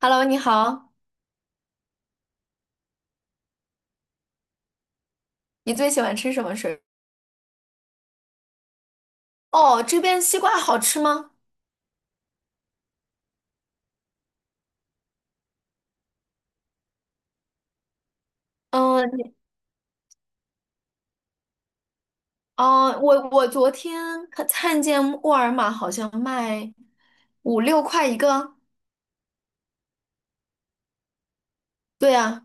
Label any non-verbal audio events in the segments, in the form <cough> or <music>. Hello，你好，你最喜欢吃什么水果？哦，这边西瓜好吃吗？嗯，你哦，我昨天看见沃尔玛好像卖5、6块一个，对呀，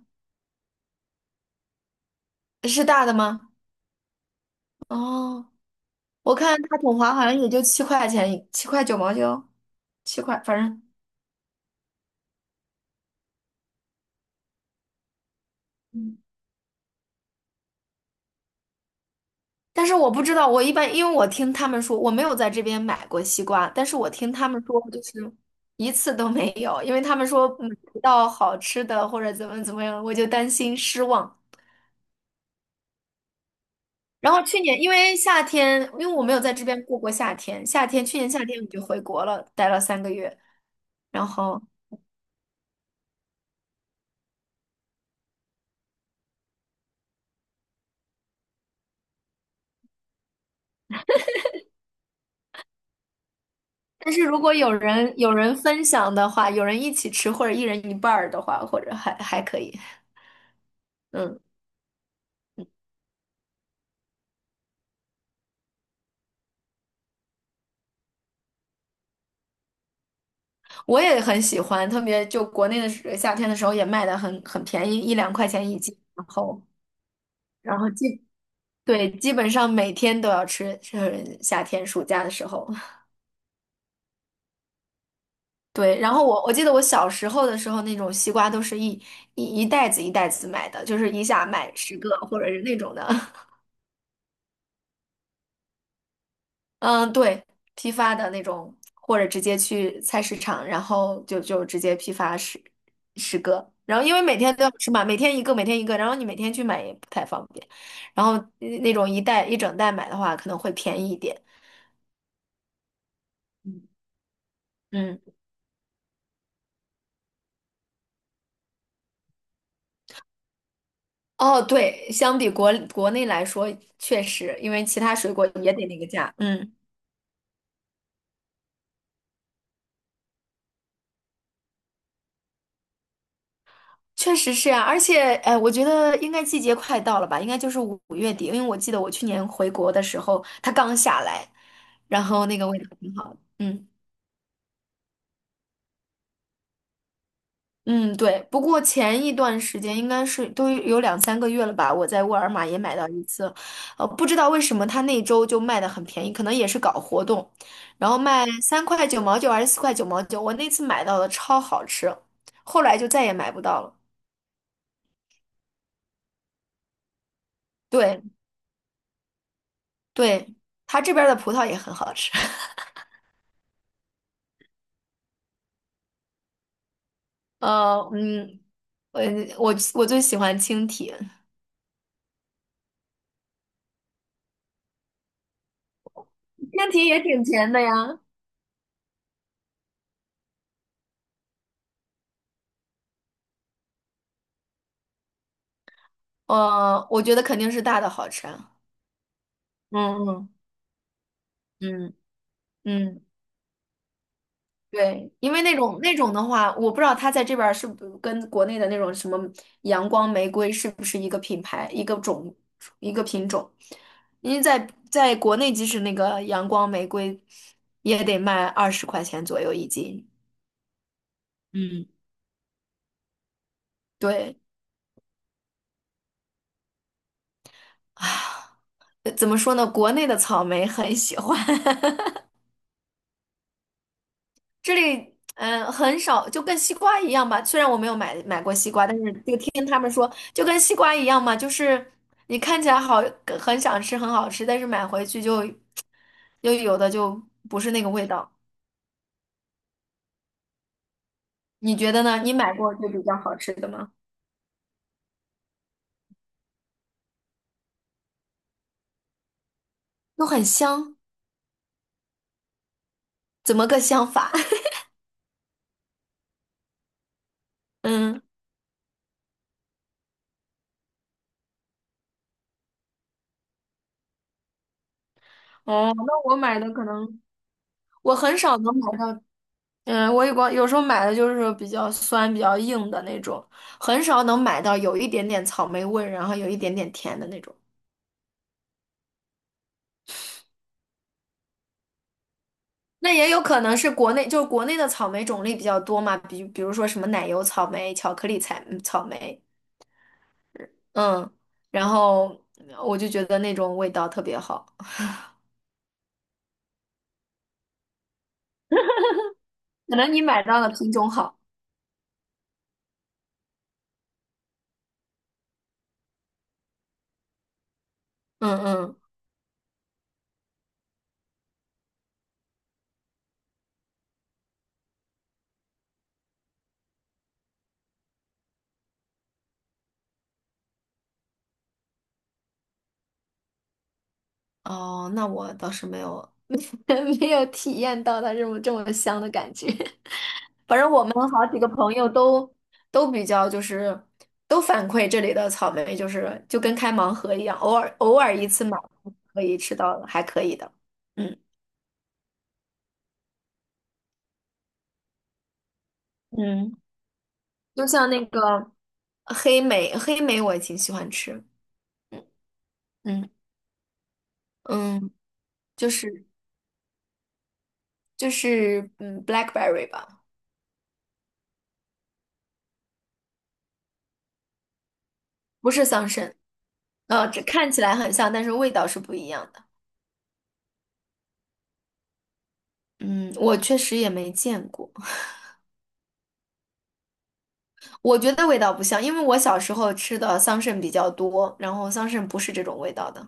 是大的吗？哦，我看大桶华好像也就7块钱7.99块，七块，反正。嗯，但是我不知道，我一般因为我听他们说，我没有在这边买过西瓜，但是我听他们说就是一次都没有，因为他们说买不到好吃的或者怎么样，我就担心失望。然后去年因为我没有在这边过过夏天，去年夏天我就回国了，待了三个月。然后，但是如果有人分享的话，有人一起吃或者一人一半儿的话，或者还可以，嗯。我也很喜欢，特别就国内的夏天的时候也卖的很便宜，1、2块钱1斤，然后对，基本上每天都要吃，是夏天暑假的时候。<laughs> 对，然后我记得我小时候的时候，那种西瓜都是一一一袋子一袋子买的，就是一下买十个或者是那种的。嗯，对，批发的那种，或者直接去菜市场，然后就直接批发十个。然后因为每天都要吃嘛，每天一个，每天一个，然后你每天去买也不太方便。然后那种一袋一整袋买的话，可能会便宜一点。嗯嗯，哦，对，相比国内来说，确实，因为其他水果也得那个价。嗯。确实是啊，而且，我觉得应该季节快到了吧，应该就是5月底，因为我记得我去年回国的时候，它刚下来，然后那个味道挺好的。嗯嗯，对。不过前一段时间应该是都有2、3个月了吧，我在沃尔玛也买到一次，不知道为什么它那周就卖的很便宜，可能也是搞活动，然后卖3.99块还是4.99块，我那次买到的超好吃，后来就再也买不到了。对对，它这边儿的葡萄也很好吃。呃，嗯，我我最喜欢青提，青提也挺甜的呀。我觉得肯定是大的好吃啊。嗯嗯嗯嗯，对，因为那种那种的话，我不知道它在这边儿是不跟国内的那种什么阳光玫瑰是不是一个品牌、一个品种。因为在国内，即使那个阳光玫瑰也得卖20块钱左右一斤。嗯，对。唉怎么说呢？国内的草莓很喜欢，<laughs> 这里嗯很少，就跟西瓜一样吧。虽然我没有买过西瓜，但是就听他们说，就跟西瓜一样嘛，就是你看起来好，很想吃，很好吃，但是买回去就又有的就不是那个味道。你觉得呢？你买过就比较好吃的吗？都很香，怎么个香法？<laughs> 嗯，哦，那我买的可能我很少能买到。嗯，我也光有时候买的就是比较酸、比较硬的那种，很少能买到有一点点草莓味，然后有一点点甜的那种。那也有可能是国内，就是国内的草莓种类比较多嘛，比如说什么奶油草莓、巧克力草莓，嗯，然后我就觉得那种味道特别好，可能你买到的品种好，嗯嗯，哦，那我倒是没有 <laughs> 没有体验到它这么这么香的感觉。我们好几个朋友都都比较就是都反馈这里的草莓就是就跟开盲盒一样，偶尔偶尔一次买可以吃到还可以的。嗯嗯，就像那个黑莓，黑莓我也挺喜欢吃。嗯嗯嗯，就是就是blackberry 吧，不是桑葚。这看起来很像，但是味道是不一样的。嗯，我确实也没见过。我觉得味道不像，因为我小时候吃的桑葚比较多，然后桑葚不是这种味道的。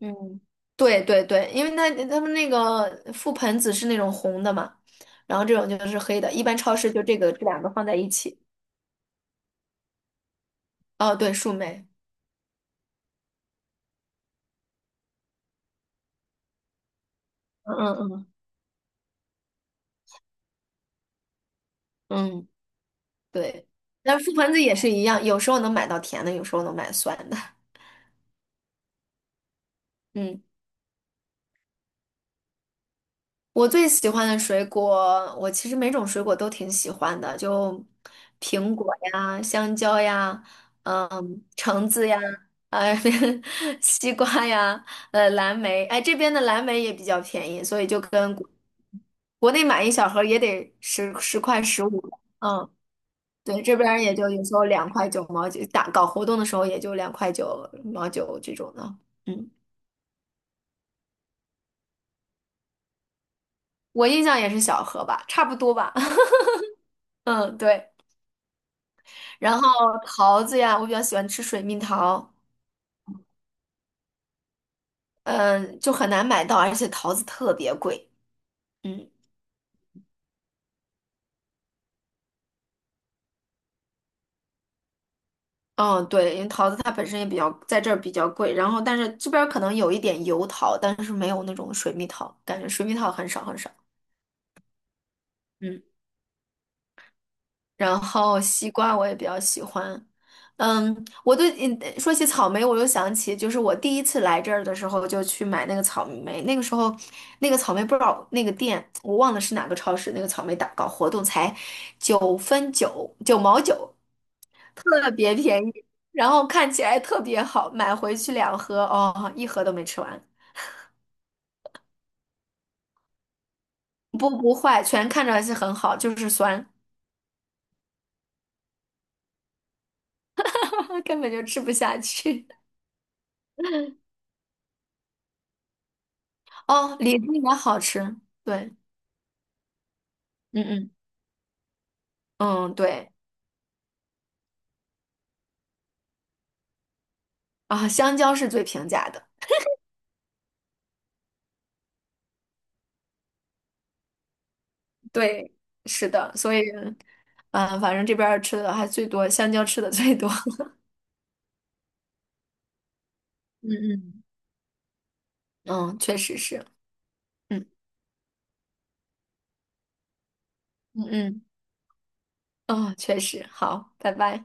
嗯，对对对，因为它他们那个覆盆子是那种红的嘛，然后这种就是黑的，一般超市就这个这两个放在一起。哦，对，树莓，嗯嗯嗯，嗯，对，但是覆盆子也是一样，有时候能买到甜的，有时候能买酸的。嗯。我最喜欢的水果，我其实每种水果都挺喜欢的，就苹果呀、香蕉呀、嗯、橙子呀、呃、<laughs> 西瓜呀、蓝莓。哎，这边的蓝莓也比较便宜，所以就跟国内买一小盒也得10块15。嗯，对，这边儿也就有时候两块九毛九，打搞活动的时候也就两块九毛九这种的。嗯，我印象也是小盒吧，差不多吧。<laughs> 嗯，对。然后桃子呀，我比较喜欢吃水蜜桃，嗯，就很难买到，而且桃子特别贵。嗯嗯，对，因为桃子它本身也比较在这儿比较贵，然后但是这边儿可能有一点油桃，但是没有那种水蜜桃，感觉水蜜桃很少很少。嗯。然后西瓜我也比较喜欢。嗯，我对，嗯说起草莓，我又想起，就是我第一次来这儿的时候，就去买那个草莓。那个时候，那个草莓不知道那个店，我忘了是哪个超市，那个草莓打搞活动才九毛九，特别便宜，然后看起来特别好，买回去2盒，哦，1盒都没吃完，不，不坏，全看着是很好，就是酸，<laughs> 根本就吃不下去。哦，李子也好吃，对。嗯嗯。嗯，对啊，香蕉是最平价的，对，是的，所以，嗯，反正这边儿吃的还最多，香蕉吃的最多，<laughs> 嗯嗯。嗯，确实是，嗯嗯嗯，哦，确实，好，拜拜。